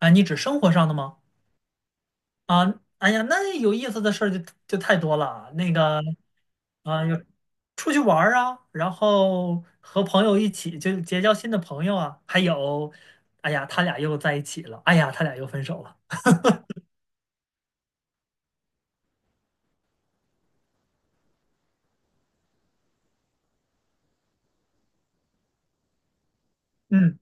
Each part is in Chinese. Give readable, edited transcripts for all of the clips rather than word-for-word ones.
啊，你指生活上的吗？啊，哎呀，那有意思的事儿就太多了。那个，啊，有出去玩儿啊，然后和朋友一起就结交新的朋友啊，还有，哎呀，他俩又在一起了，哎呀，他俩又分手了。嗯，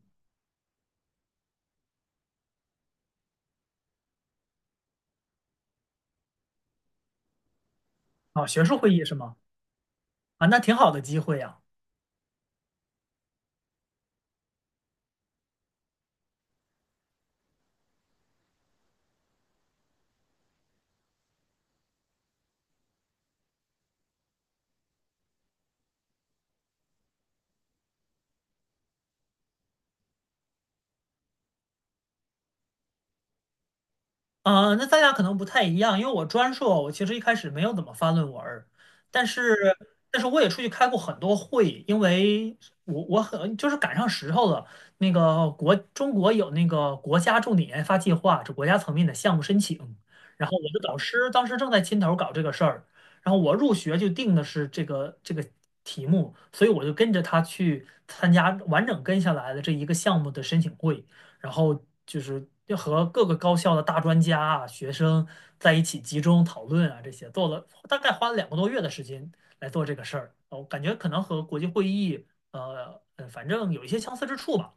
啊，学术会议是吗？啊，那挺好的机会呀。啊，那大家可能不太一样，因为我专硕，我其实一开始没有怎么发论文儿但是，但是我也出去开过很多会，因为我很就是赶上时候了。那个中国有那个国家重点研发计划，是国家层面的项目申请，然后我的导师当时正在牵头搞这个事儿，然后我入学就定的是这个题目，所以我就跟着他去参加完整跟下来的这一个项目的申请会。然后就是要和各个高校的大专家啊、学生在一起集中讨论啊，这些做了大概花了2个多月的时间来做这个事儿。我感觉可能和国际会议，呃，反正有一些相似之处吧。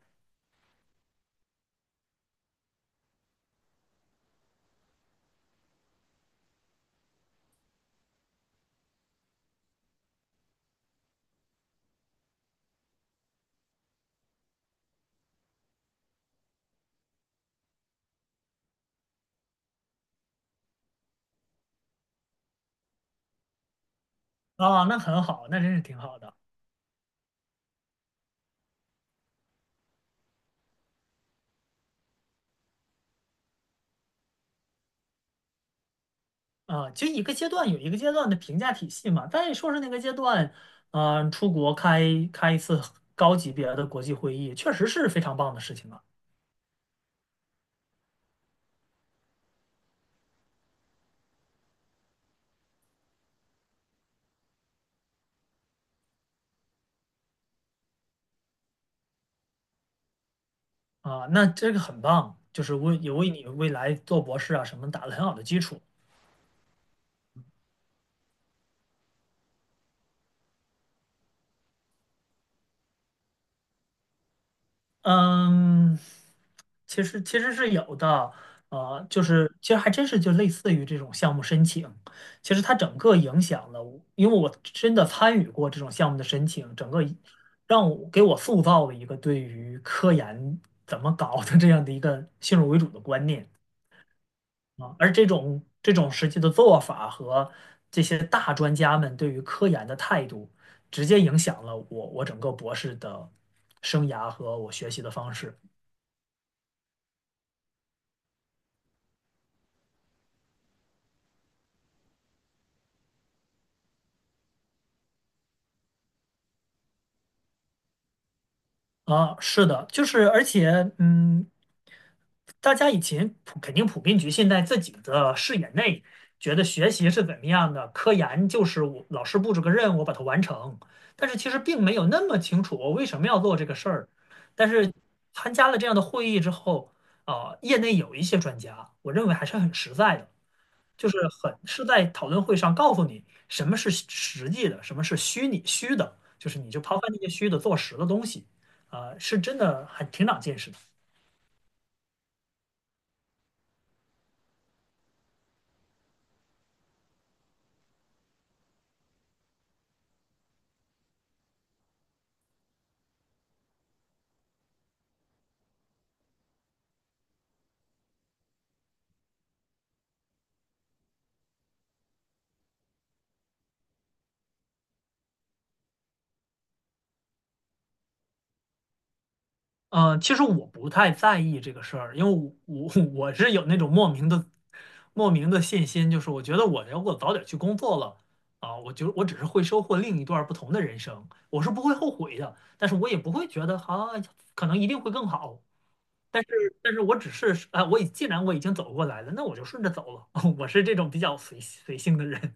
啊，那很好，那真是挺好的啊。其实一个阶段有一个阶段的评价体系嘛，但在硕士那个阶段，嗯、出国开一次高级别的国际会议，确实是非常棒的事情啊。啊，那这个很棒，就是为也为你未来做博士啊什么打了很好的基础。嗯，其实是有的，呃，就是其实还真是就类似于这种项目申请，其实它整个影响了我因为我真的参与过这种项目的申请，整个一让我给我塑造了一个对于科研怎么搞的这样的一个先入为主的观念。啊，而这种实际的做法和这些大专家们对于科研的态度，直接影响了我整个博士的生涯和我学习的方式。啊，是的，就是而且嗯。大家以前普肯定普遍局限在自己的视野内，觉得学习是怎么样的，科研就是我老师布置个任务，我把它完成。但是其实并没有那么清楚我为什么要做这个事儿。但是参加了这样的会议之后，啊、业内有一些专家，我认为还是很实在的，就是很是在讨论会上告诉你什么是实际的，什么是虚的，就是你就抛开那些虚的，做实的东西，啊、是真的很挺长见识的。嗯、呃，其实我不太在意这个事儿，因为我是有那种莫名的、莫名的信心，就是我觉得我如果早点去工作了啊，我只是会收获另一段不同的人生，我是不会后悔的，但是我也不会觉得啊，可能一定会更好，但是我只是啊，既然我已经走过来了，那我就顺着走了，我是这种比较随性的人。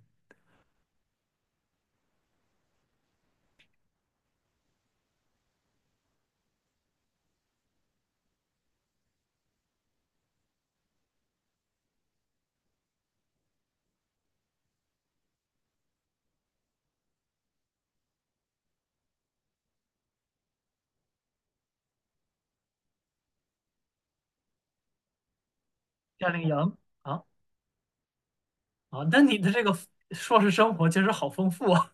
夏令营啊啊，那你的这个硕士生活其实好丰富啊。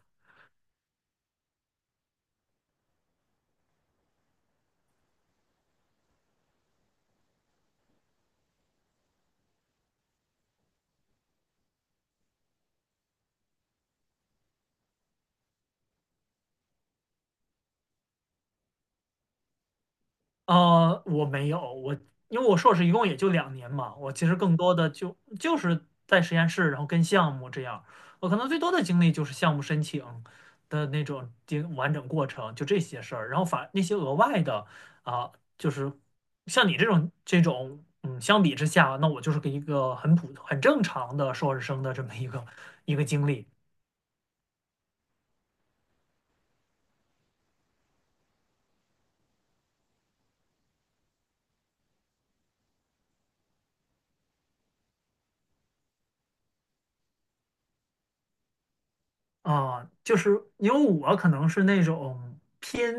呃，我没有，我因为我硕士一共也就两年嘛，我其实更多的就是在实验室，然后跟项目这样，我可能最多的经历就是项目申请的那种经完整过程，就这些事儿，然后反那些额外的啊，就是像你这种，嗯，相比之下，那我就是个一个很普很正常的硕士生的这么一个经历。啊，就是因为我可能是那种偏，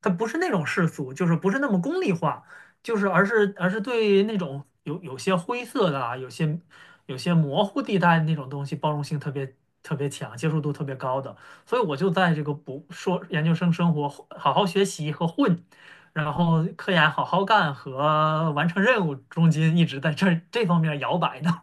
它不是那种世俗，就是不是那么功利化，就是而是对那种有些灰色的啊，有些模糊地带那种东西，包容性特别特别强，接受度特别高的，所以我就在这个不说研究生生活好好学习和混，然后科研好好干和完成任务中间一直在这方面摇摆呢。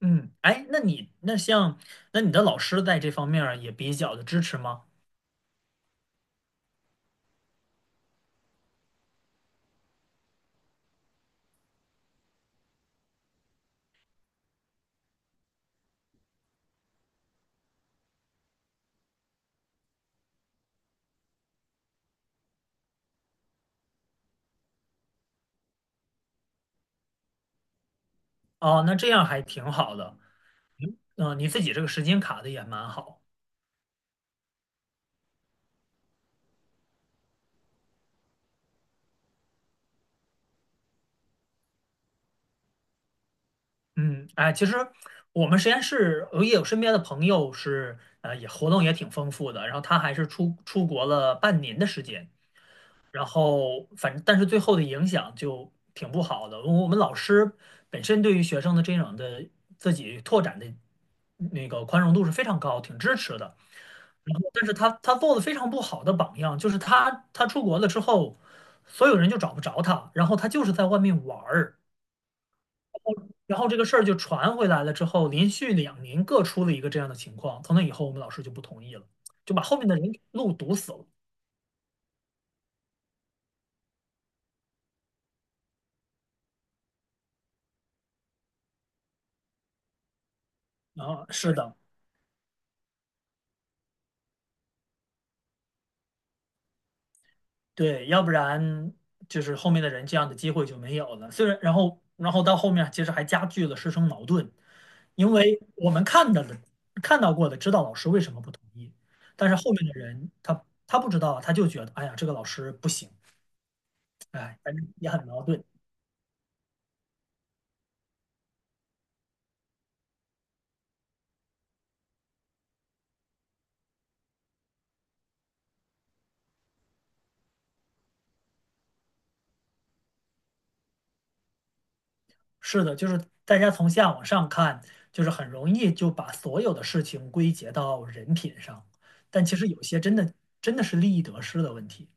嗯，哎，那你那像那你的老师在这方面儿也比较的支持吗？哦，那这样还挺好的。嗯、你自己这个时间卡的也蛮好。嗯，哎，其实我们实验室我也有身边的朋友是呃也活动也挺丰富的，然后他还是出国了半年的时间，然后反正但是最后的影响就挺不好的。我们老师本身对于学生的这种的自己拓展的那个宽容度是非常高，挺支持的。然后，但是他做的非常不好的榜样，就是他出国了之后，所有人就找不着他，然后他就是在外面玩儿，然后这个事儿就传回来了之后，连续两年各出了一个这样的情况，从那以后我们老师就不同意了，就把后面的人路堵死了。啊，是的。对，要不然就是后面的人这样的机会就没有了。虽然，然后，到后面其实还加剧了师生矛盾，因为我们看到了、看到过的，知道老师为什么不同意，但是后面的人他不知道，他就觉得，哎呀，这个老师不行，哎，反正也很矛盾。是的，就是大家从下往上看，就是很容易就把所有的事情归结到人品上，但其实有些真的真的是利益得失的问题。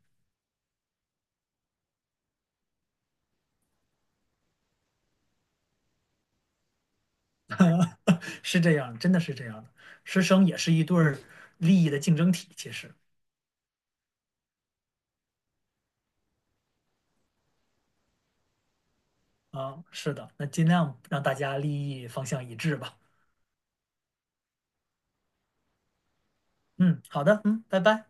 是这样，真的是这样的。师生也是一对儿利益的竞争体，其实啊，是的，那尽量让大家利益方向一致吧。嗯，好的，嗯，拜拜。